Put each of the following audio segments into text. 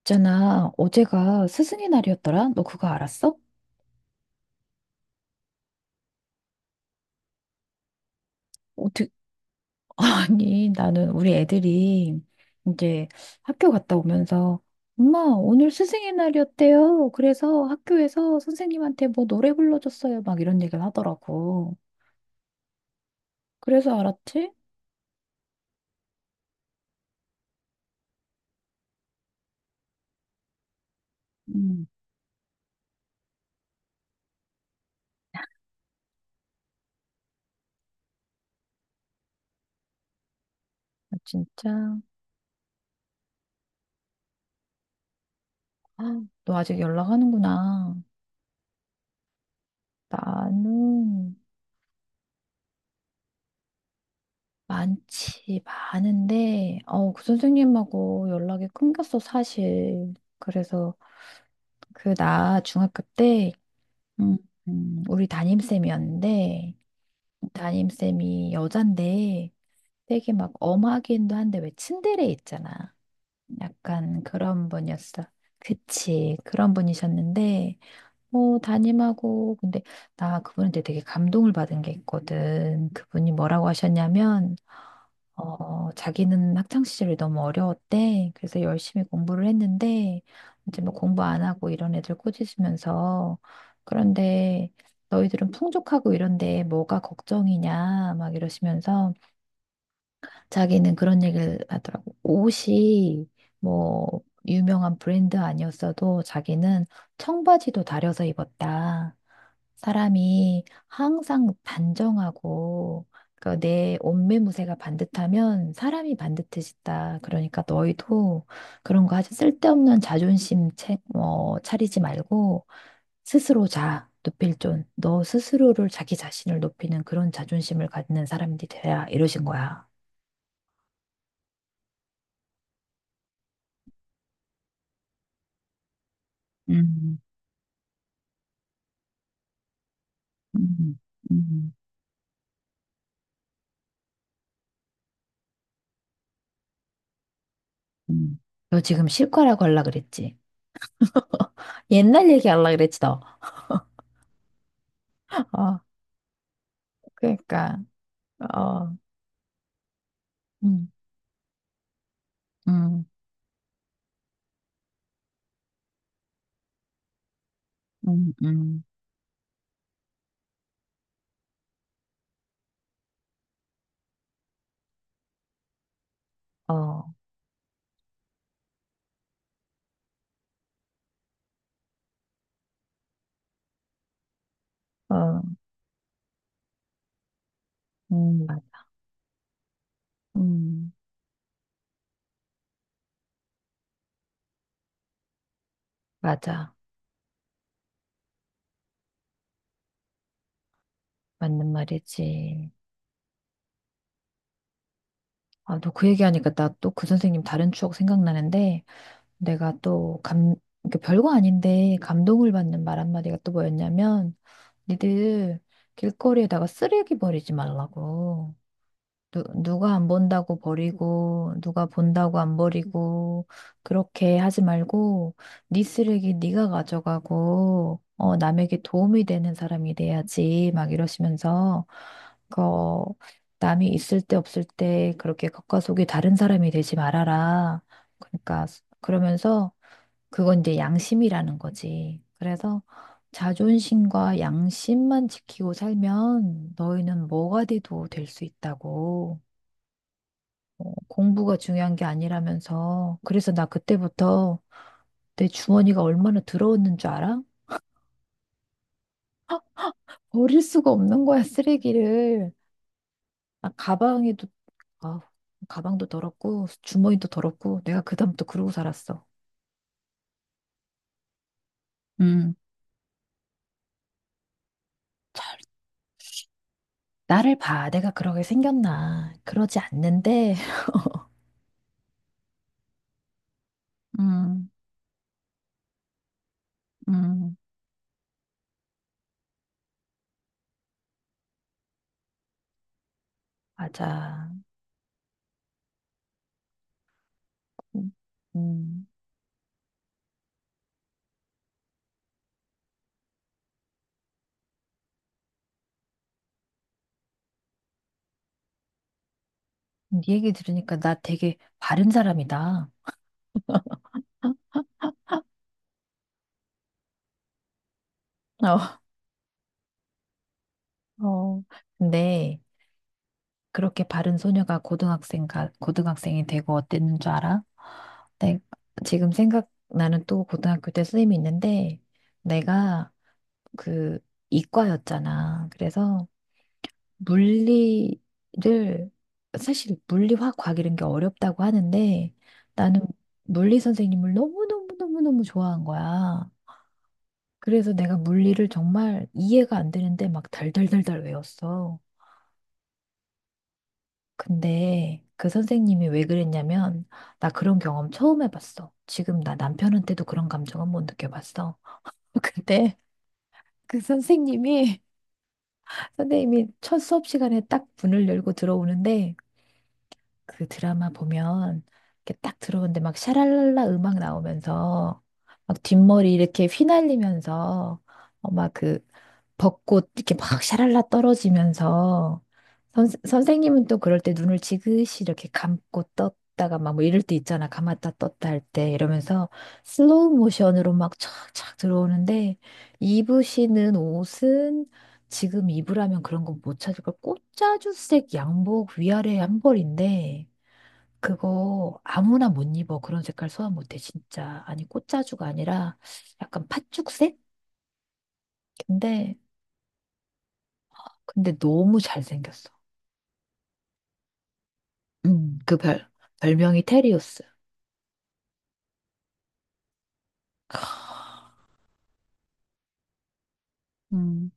있잖아, 어제가 스승의 날이었더라? 너 그거 알았어? 어떻게, 아니, 나는 우리 애들이 이제 학교 갔다 오면서, 엄마, 오늘 스승의 날이었대요. 그래서 학교에서 선생님한테 뭐 노래 불러줬어요. 막 이런 얘기를 하더라고. 그래서 알았지? 음, 아, 진짜. 아, 너 아직 연락하는구나. 나는 많지, 많은데, 그 선생님하고 연락이 끊겼어, 사실. 그래서 그, 나 중학교 때, 음, 우리 담임쌤이었는데, 담임쌤이 여잔데, 되게 막 엄하기도 한데, 왜 츤데레 있잖아. 약간 그런 분이었어. 그치, 그런 분이셨는데, 뭐, 담임하고, 근데 나 그분한테 되게 감동을 받은 게 있거든. 그분이 뭐라고 하셨냐면, 자기는 학창시절이 너무 어려웠대. 그래서 열심히 공부를 했는데, 이제 뭐 공부 안 하고 이런 애들 꾸짖으면서, 그런데 너희들은 풍족하고 이런데 뭐가 걱정이냐, 막 이러시면서 자기는 그런 얘기를 하더라고. 옷이 뭐 유명한 브랜드 아니었어도 자기는 청바지도 다려서 입었다. 사람이 항상 단정하고 그내 옷매무새가 반듯하면 사람이 반듯해진다. 그러니까 너희도 그런 거 아주 쓸데없는 자존심 차리지 말고 스스로 자. 높일 존. 너 스스로를 자기 자신을 높이는 그런 자존심을 갖는 사람들이 돼야 이러신 거야. 음, 음, 음, 음. 너 지금 실과라고 하려 그랬지? 옛날 얘기 하려 그랬지 너. 어, 그러니까 어. 음. 음, 음, 음. 어, 어, 맞, 음, 맞아. 맞는 말이지. 아, 너 그 얘기하니까 나 또 그 선생님 다른 추억 생각나는데, 내가 또 감, 그러니까 별거 아닌데 감동을 받는 말 한마디가 또 뭐였냐면, 니들 길거리에다가 쓰레기 버리지 말라고. 누가 안 본다고 버리고, 누가 본다고 안 버리고, 그렇게 하지 말고, 네 쓰레기 네가 가져가고, 남에게 도움이 되는 사람이 돼야지, 막 이러시면서, 그, 어, 남이 있을 때 없을 때 그렇게 겉과 속이 다른 사람이 되지 말아라. 그러니까, 그러면서, 그건 이제 양심이라는 거지. 그래서, 자존심과 양심만 지키고 살면 너희는 뭐가 돼도 될 수 있다고. 공부가 중요한 게 아니라면서. 그래서 나 그때부터 내 주머니가 얼마나 더러웠는 줄 알아? 버릴 수가 없는 거야, 쓰레기를. 아, 가방에도, 아, 가방도 더럽고, 주머니도 더럽고, 내가 그다음부터 그러고 살았어. 음, 나를 봐. 내가 그러게 생겼나. 그러지 않는데, 음, 음. 맞아. 음, 음. 네 얘기 들으니까 나 되게 바른 사람이다. 어, 어. 근데, 그렇게 바른 소녀가 고등학생가 고등학생이 되고 어땠는 줄 알아? 네, 지금 생각나는 또 고등학교 때 선생님이 있는데 내가 그 이과였잖아. 그래서 물리를 사실 물리화 과학 이런 게 어렵다고 하는데 나는 물리 선생님을 너무너무너무너무 좋아한 거야. 그래서 내가 물리를 정말 이해가 안 되는데 막 달달달달 외웠어. 근데 그 선생님이 왜 그랬냐면, 나 그런 경험 처음 해봤어. 지금 나 남편한테도 그런 감정은 못 느껴봤어. 근데 그 선생님이, 선생님이 첫 수업 시간에 딱 문을 열고 들어오는데, 그 드라마 보면 이렇게 딱 들어오는데 막 샤랄랄라 음악 나오면서 막 뒷머리 이렇게 휘날리면서 어, 막그 벚꽃 이렇게 막 샤랄라 떨어지면서 선생님은 또 그럴 때 눈을 지그시 이렇게 감고 떴다가 막 뭐 이럴 때 있잖아. 감았다 떴다 할 때 이러면서 슬로우 모션으로 막 촥촥 들어오는데 입으시는 옷은 지금 입으라면 그런 건 못 찾을 걸. 꽃자주색 양복 위아래 한 벌인데 그거 아무나 못 입어. 그런 색깔 소화 못해, 진짜. 아니, 꽃자주가 아니라 약간 팥죽색? 근데, 근데 너무 잘생겼어. 음, 그 별, 별명이 테리우스. 음.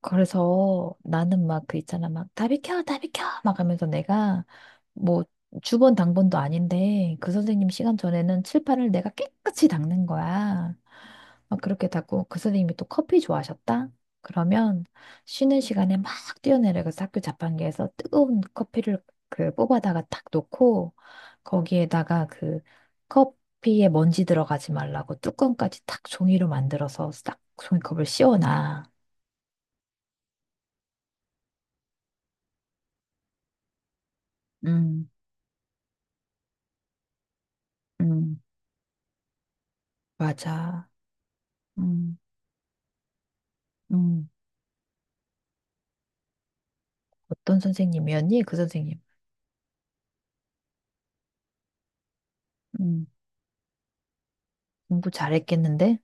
그래서 나는 막 그 있잖아 막 다 비켜 다 비켜 막 하면서 내가 뭐 주번 당번도 아닌데 그 선생님 시간 전에는 칠판을 내가 깨끗이 닦는 거야. 막 그렇게 닦고 그 선생님이 또 커피 좋아하셨다? 그러면 쉬는 시간에 막 뛰어내려가서 학교 자판기에서 뜨거운 커피를 그 뽑아다가 탁 놓고 거기에다가 그 커피에 먼지 들어가지 말라고 뚜껑까지 탁 종이로 만들어서 싹 종이컵을 씌워놔. 음. 음, 맞아. 음, 음. 어떤 선생님이었니? 그 선생님. 음, 공부 잘했겠는데?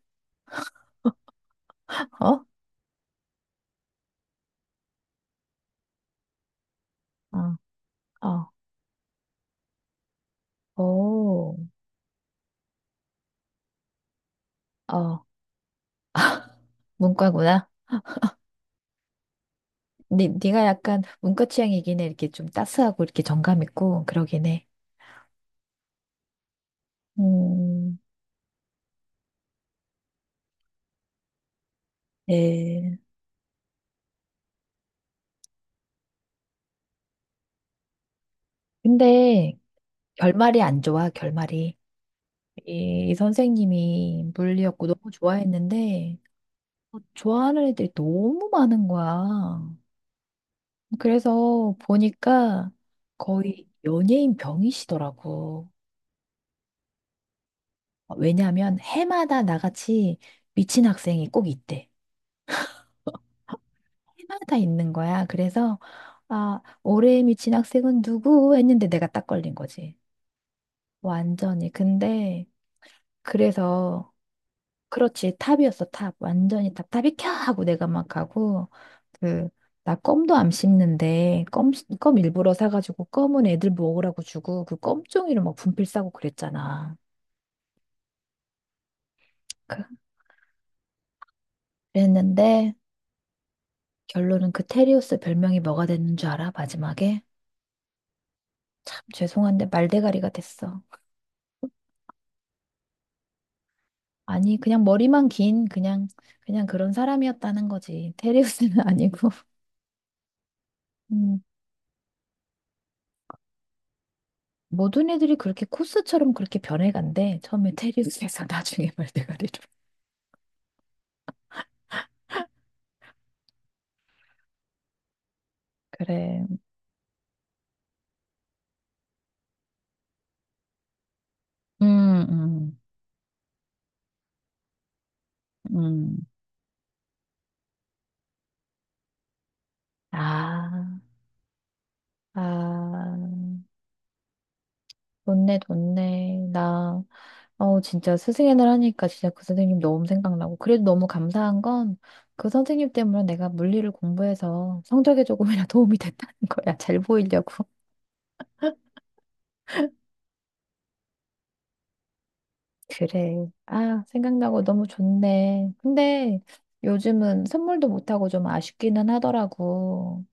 어? 어, 어, 오, 어, 문과구나. 니가 약간 문과 취향이긴 해. 이렇게 좀 따스하고 이렇게 정감 있고 그러긴 해. 음, 예. 근데 결말이 안 좋아, 결말이. 이 선생님이 물리였고 너무 좋아했는데, 좋아하는 애들이 너무 많은 거야. 그래서 보니까 거의 연예인 병이시더라고. 왜냐하면 해마다 나같이 미친 학생이 꼭 있대. 해마다 있는 거야. 그래서 아, 올해의 미친 학생은 누구? 했는데 내가 딱 걸린 거지. 완전히. 근데 그래서 그렇지. 탑이었어, 탑. 완전히 탑. 탑이 켜! 하고 내가 막 가고, 그, 나 껌도 안 씹는데, 껌 일부러 사가지고, 껌은 애들 먹으라고 주고, 그 껌종이를 막 분필 싸고 그랬잖아. 그- 그랬는데, 결론은 그 테리우스 별명이 뭐가 됐는 줄 알아? 마지막에? 참 죄송한데, 말대가리가 됐어. 아니, 그냥 머리만 긴, 그냥 그런 사람이었다는 거지. 테리우스는 아니고. 음. 모든 애들이 그렇게 코스처럼 그렇게 변해간대. 처음에 테리우스에서 나중에 말대가리로. 그래. 음, 음, 음. 아, 아, 좋네, 좋네. 나, 진짜 스승의 날 하니까 진짜 그 선생님 너무 생각나고. 그래도 너무 감사한 건 그 선생님 때문에 내가 물리를 공부해서 성적에 조금이나 도움이 됐다는 거야. 잘 보이려고. 그래. 아, 생각나고 너무 좋네. 근데 요즘은 선물도 못하고 좀 아쉽기는 하더라고.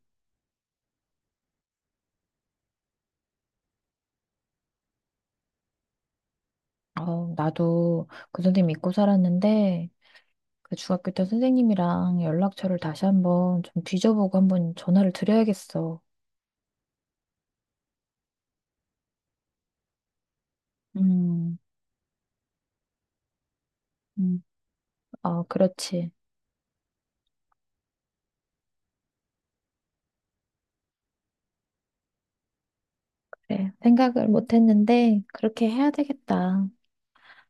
어, 나도 그 선생님 믿고 살았는데, 그 중학교 때 선생님이랑 연락처를 다시 한번 좀 뒤져보고 한번 전화를 드려야겠어. 음, 음, 어, 그렇지. 그래. 생각을 못했는데, 그렇게 해야 되겠다.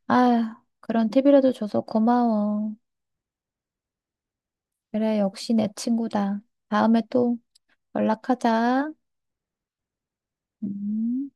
아, 그런 팁이라도 줘서 고마워. 그래, 역시 내 친구다. 다음에 또 연락하자. 음.